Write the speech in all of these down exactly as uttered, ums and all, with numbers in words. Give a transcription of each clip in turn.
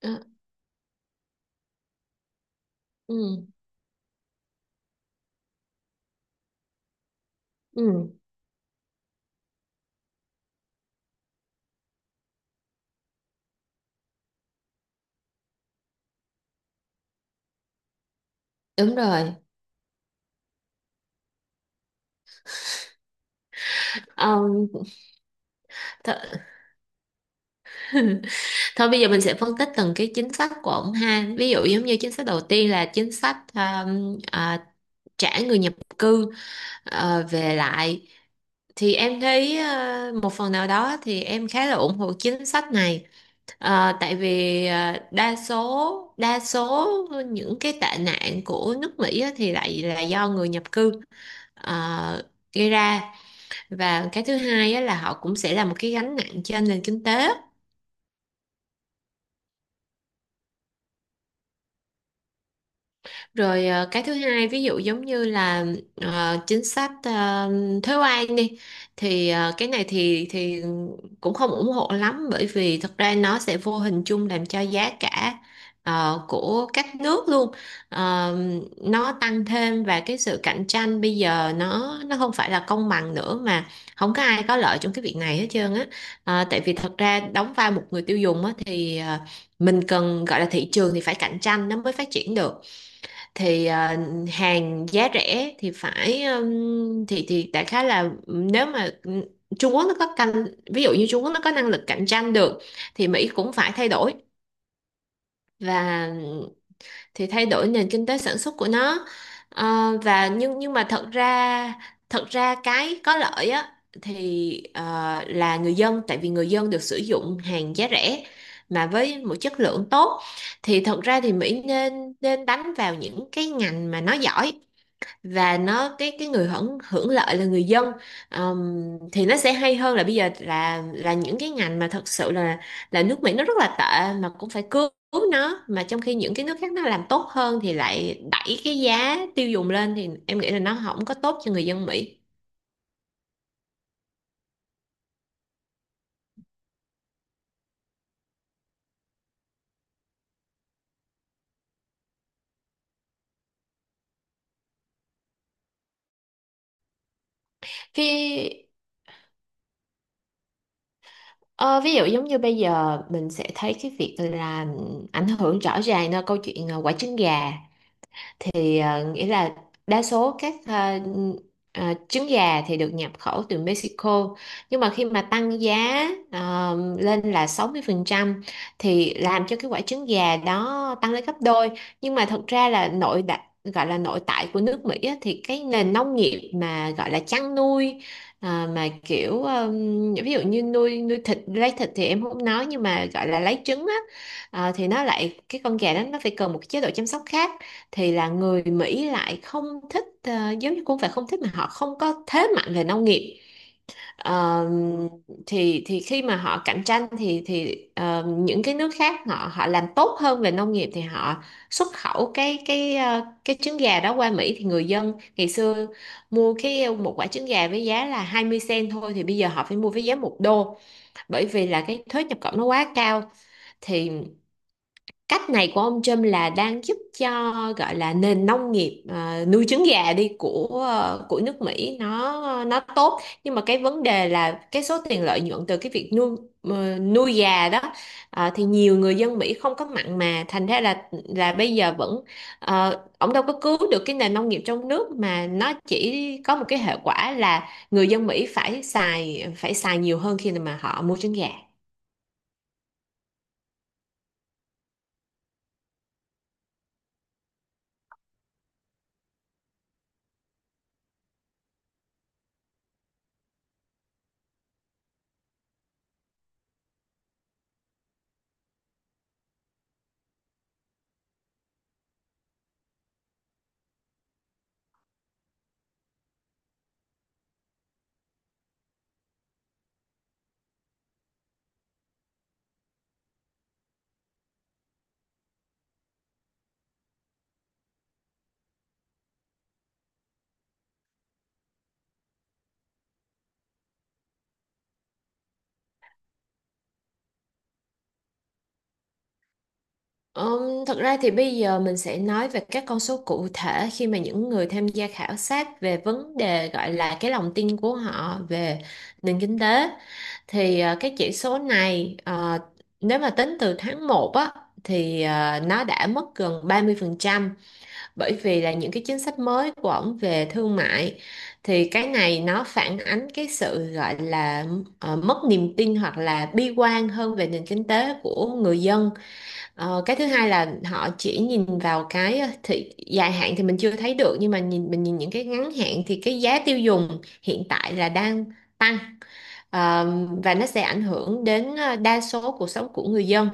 Ờ, ừ, ừ, đúng rồi. Ông th Thôi bây giờ mình sẽ phân tích từng cái chính sách của ông ha. Ví dụ giống như chính sách đầu tiên là chính sách um, à, trả người nhập cư ờ, về lại. Thì em thấy ờ, một phần nào đó thì em khá là ủng hộ chính sách này. Ờ, tại vì ờ, đa số đa số những cái tệ nạn của nước Mỹ á thì lại là do người nhập cư ờ, gây ra, và cái thứ hai á, là họ cũng sẽ là một cái gánh nặng trên nền kinh tế. Rồi, ờ, cái thứ hai, ví dụ giống như là ờ, chính sách ờ, thuế quan đi, thì ờ, cái này thì thì cũng không ủng hộ lắm, bởi vì thật ra nó sẽ vô hình chung làm cho giá cả ờ, của các nước luôn ờ, nó tăng thêm, và cái sự cạnh tranh bây giờ nó nó không phải là công bằng nữa, mà không có ai có lợi trong cái việc này hết trơn á. Ờ, tại vì thật ra đóng vai một người tiêu dùng á, thì ờ, mình cần, gọi là thị trường thì phải cạnh tranh nó mới phát triển được. Thì ờ, hàng giá rẻ thì phải ừm, thì thì đại khái là nếu mà Trung Quốc nó có canh ví dụ như Trung Quốc nó có năng lực cạnh tranh được, thì Mỹ cũng phải thay đổi và thì thay đổi nền kinh tế sản xuất của nó. Ờ, và nhưng nhưng mà thật ra thật ra cái có lợi á, thì ờ, là người dân, tại vì người dân được sử dụng hàng giá rẻ mà với một chất lượng tốt. Thì thật ra thì Mỹ nên nên đánh vào những cái ngành mà nó giỏi, và nó, cái cái người hưởng hưởng lợi là người dân. Ờm, thì nó sẽ hay hơn là bây giờ là là những cái ngành mà thật sự là là nước Mỹ nó rất là tệ, mà cũng phải cứu cứu nó, mà trong khi những cái nước khác nó làm tốt hơn thì lại đẩy cái giá tiêu dùng lên, thì em nghĩ là nó không có tốt cho người dân Mỹ. cái ờ, Ví dụ giống như bây giờ mình sẽ thấy cái việc là ảnh hưởng rõ ràng, là câu chuyện ờ, quả trứng gà, thì ờ, nghĩa là đa số các ờ, ờ, trứng gà thì được nhập khẩu từ Mexico. Nhưng mà khi mà tăng giá ờ, lên là sáu mươi phần trăm, thì làm cho cái quả trứng gà đó tăng lên gấp đôi. Nhưng mà thật ra là nội đại gọi là nội tại của nước Mỹ á, thì cái nền nông nghiệp mà gọi là chăn nuôi, ờ, mà kiểu, ờm, ví dụ như nuôi nuôi thịt lấy thịt thì em không nói, nhưng mà gọi là lấy trứng á, ờ, thì nó, lại cái con gà đó nó phải cần một cái chế độ chăm sóc khác. Thì là người Mỹ lại không thích, ờ, giống như không phải không thích, mà họ không có thế mạnh về nông nghiệp. Ờ, thì thì khi mà họ cạnh tranh thì thì ờ, những cái nước khác, họ họ làm tốt hơn về nông nghiệp, thì họ xuất khẩu cái cái ờ, cái trứng gà đó qua Mỹ, thì người dân ngày xưa mua cái ờ, một quả trứng gà với giá là hai mươi cent thôi, thì bây giờ họ phải mua với giá một đô, bởi vì là cái thuế nhập khẩu nó quá cao. Thì cách này của ông Trump là đang giúp cho, gọi là nền nông nghiệp, ờ, nuôi trứng gà đi, của ờ, của nước Mỹ, nó nó tốt, nhưng mà cái vấn đề là cái số tiền lợi nhuận từ cái việc nuôi ờ, nuôi gà đó, ờ, thì nhiều người dân Mỹ không có mặn mà, thành ra là là bây giờ vẫn, ờ, ông đâu có cứu được cái nền nông nghiệp trong nước, mà nó chỉ có một cái hệ quả là người dân Mỹ phải xài phải xài nhiều hơn khi mà họ mua trứng gà. Um, thật ra thì bây giờ mình sẽ nói về các con số cụ thể, khi mà những người tham gia khảo sát về vấn đề, gọi là cái lòng tin của họ về nền kinh tế, thì ờ, cái chỉ số này, ờ, nếu mà tính từ tháng một á, thì ờ, nó đã mất gần ba mươi phần trăm, bởi vì là những cái chính sách mới của ổng về thương mại. Thì cái này nó phản ánh cái sự, gọi là ờ, mất niềm tin, hoặc là bi quan hơn về nền kinh tế của người dân. Ờ, cái thứ hai là họ chỉ nhìn vào cái, ờ, thị dài hạn thì mình chưa thấy được, nhưng mà nhìn, mình nhìn những cái ngắn hạn thì cái giá tiêu dùng hiện tại là đang tăng. Ờ, và nó sẽ ảnh hưởng đến ờ, đa số cuộc sống của người dân.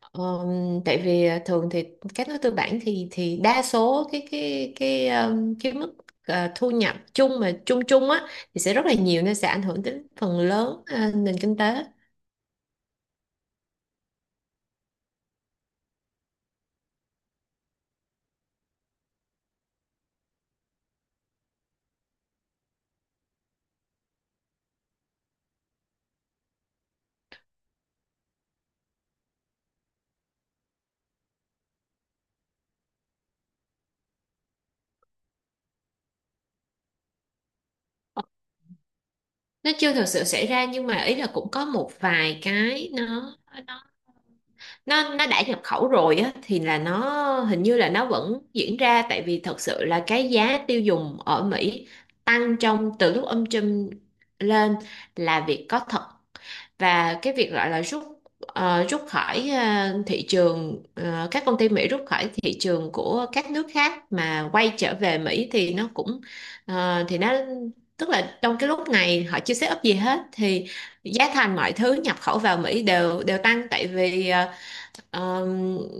Ờ, Tại vì ờ, thường thì các nước tư bản thì thì đa số cái cái cái ờ, cái mức, ờ, thu nhập chung mà chung chung á, thì sẽ rất là nhiều, nên sẽ ảnh hưởng đến phần lớn ờ, nền kinh tế. Nó chưa thực sự xảy ra, nhưng mà ý là cũng có một vài cái, nó nó nó nó đã nhập khẩu rồi á, thì là nó, hình như là nó vẫn diễn ra, tại vì thật sự là cái giá tiêu dùng ở Mỹ tăng trong, từ lúc ông Trump lên, là việc có thật. Và cái việc gọi là rút ờ, rút khỏi, ờ, thị trường, ờ, các công ty Mỹ rút khỏi thị trường của các nước khác mà quay trở về Mỹ, thì nó cũng, ờ, thì nó, tức là trong cái lúc này họ chưa set up gì hết, thì giá thành mọi thứ nhập khẩu vào Mỹ đều đều tăng, tại vì ờ, Ờ,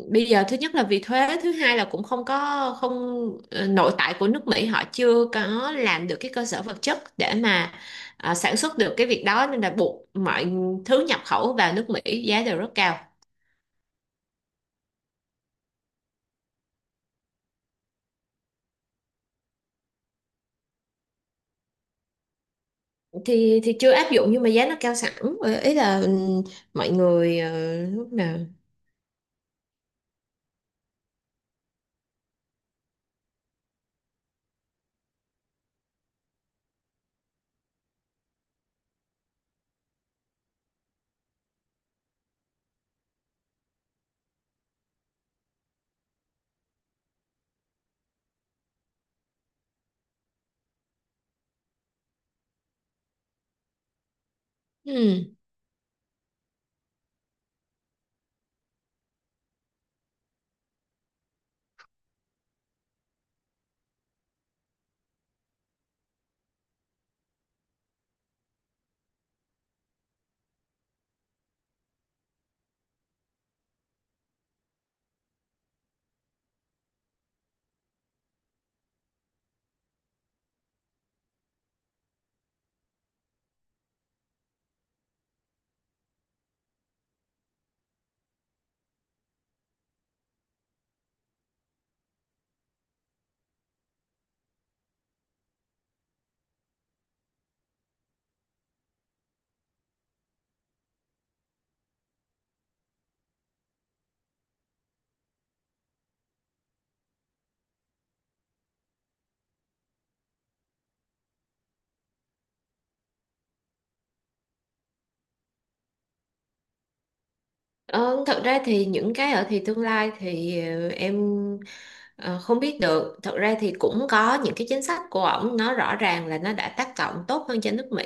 bây giờ thứ nhất là vì thuế, thứ hai là cũng không có, không ờ, nội tại của nước Mỹ họ chưa có làm được cái cơ sở vật chất để mà ờ, sản xuất được cái việc đó, nên là buộc mọi thứ nhập khẩu vào nước Mỹ giá đều rất cao. Thì thì chưa áp dụng, nhưng mà giá nó cao sẵn. Ờ, ý là, ừ, mọi người, ờ, lúc nào ừ. Ờ, Thật ra thì những cái ở thì tương lai thì ờ, em, ờ, không biết được. Thật ra thì cũng có những cái chính sách của ổng nó rõ ràng là nó đã tác động tốt hơn cho nước Mỹ.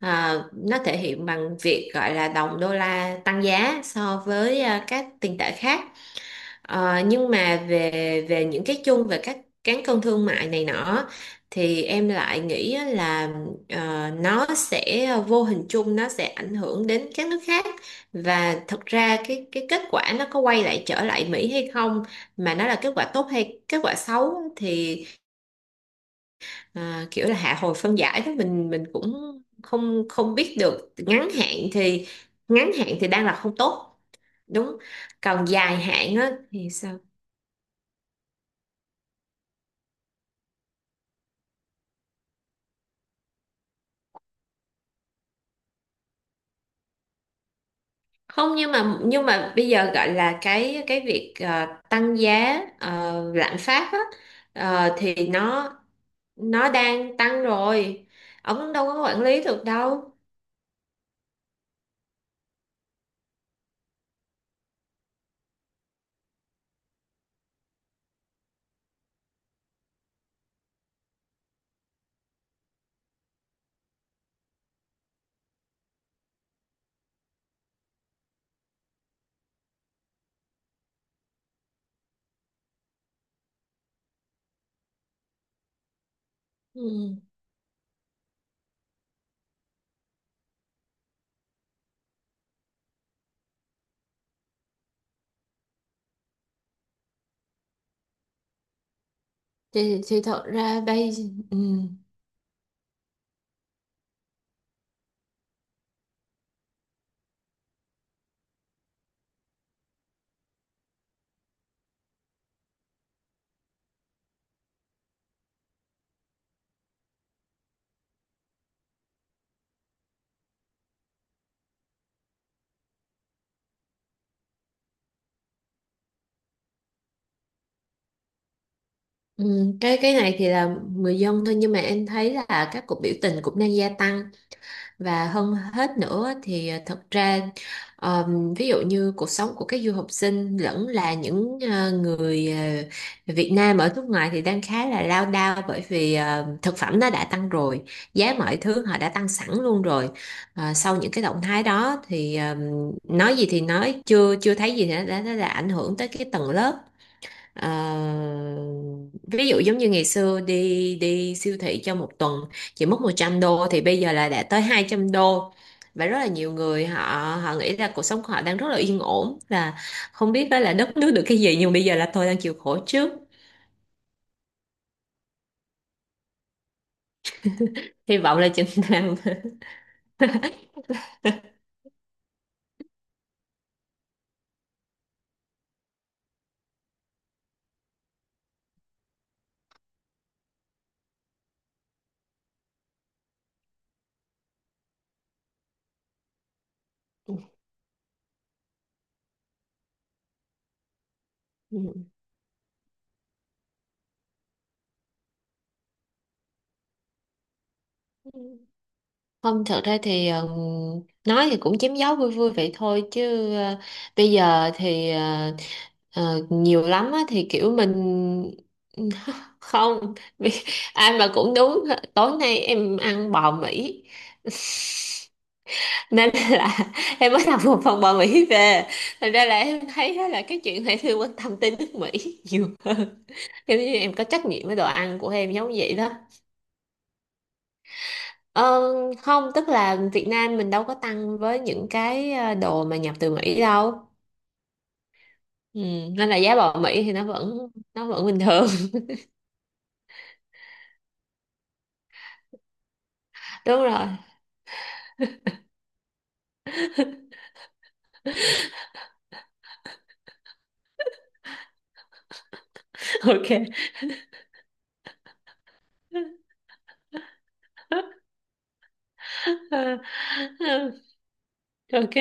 À, nó thể hiện bằng việc gọi là đồng đô la tăng giá so với ờ, các tiền tệ khác. Ờ, nhưng mà về về những cái chung, về các cán cân thương mại này nọ, thì em lại nghĩ á là ờ, nó sẽ vô hình chung, nó sẽ ảnh hưởng đến các nước khác. Và thật ra cái cái kết quả nó có quay lại, trở lại Mỹ hay không, mà nó là kết quả tốt hay kết quả xấu á, thì ờ, kiểu là hạ hồi phân giải đó, mình mình cũng không không biết được. ngắn hạn thì ngắn hạn thì đang là không tốt. Đúng. Còn dài hạn á thì sao? Không, nhưng mà nhưng mà bây giờ gọi là cái cái việc ờ, tăng giá, ờ, lạm phát á, ờ, thì nó nó đang tăng rồi. Ông đâu có quản lý được đâu. Ừ. thì thì thật ra đây. Ừ. Ừ. cái cái này thì là người dân thôi, nhưng mà em thấy là các cuộc biểu tình cũng đang gia tăng. Và hơn hết nữa thì à, thật ra, ờm, ví dụ như cuộc sống của các du học sinh, lẫn là những ờ, người ờ, Việt Nam ở nước ngoài, thì đang khá là lao đao, bởi vì ờ, thực phẩm nó đã tăng rồi, giá mọi thứ họ đã tăng sẵn luôn rồi. Ờ, sau những cái động thái đó thì, ờm, nói gì thì nói, chưa chưa thấy gì thì nó đã, đã, đã ảnh hưởng tới cái tầng lớp. Ờ, Ví dụ giống như ngày xưa đi đi siêu thị cho một tuần chỉ mất một trăm đô, thì bây giờ là đã tới hai trăm đô. Và rất là nhiều người, họ họ nghĩ là cuộc sống của họ đang rất là yên ổn, là không biết đó là đất nước được cái gì, nhưng bây giờ là tôi đang chịu khổ trước. Hy vọng là chừng nào. Không, thật ra thì ờ, nói thì cũng chém gió vui vui vậy thôi, chứ ờ, bây giờ thì ờ, ờ, nhiều lắm á, thì kiểu mình không. Ai mà cũng đúng. Tối nay em ăn bò Mỹ, nên là em mới làm một phần bò Mỹ về, thành ra là em thấy á, là cái chuyện này thì quan tâm tới nước Mỹ nhiều hơn. Giống như em có trách nhiệm với đồ ăn của em, giống vậy đó. Ờ, Không, tức là Việt Nam mình đâu có tăng với những cái ờ, đồ mà nhập từ Mỹ đâu, ừ, nên là giá bò Mỹ thì nó vẫn nó vẫn bình thường. Đúng rồi. Ok. Ok,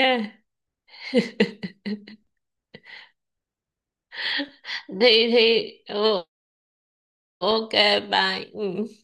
thì thì ừ, ok. Bye. Ừ.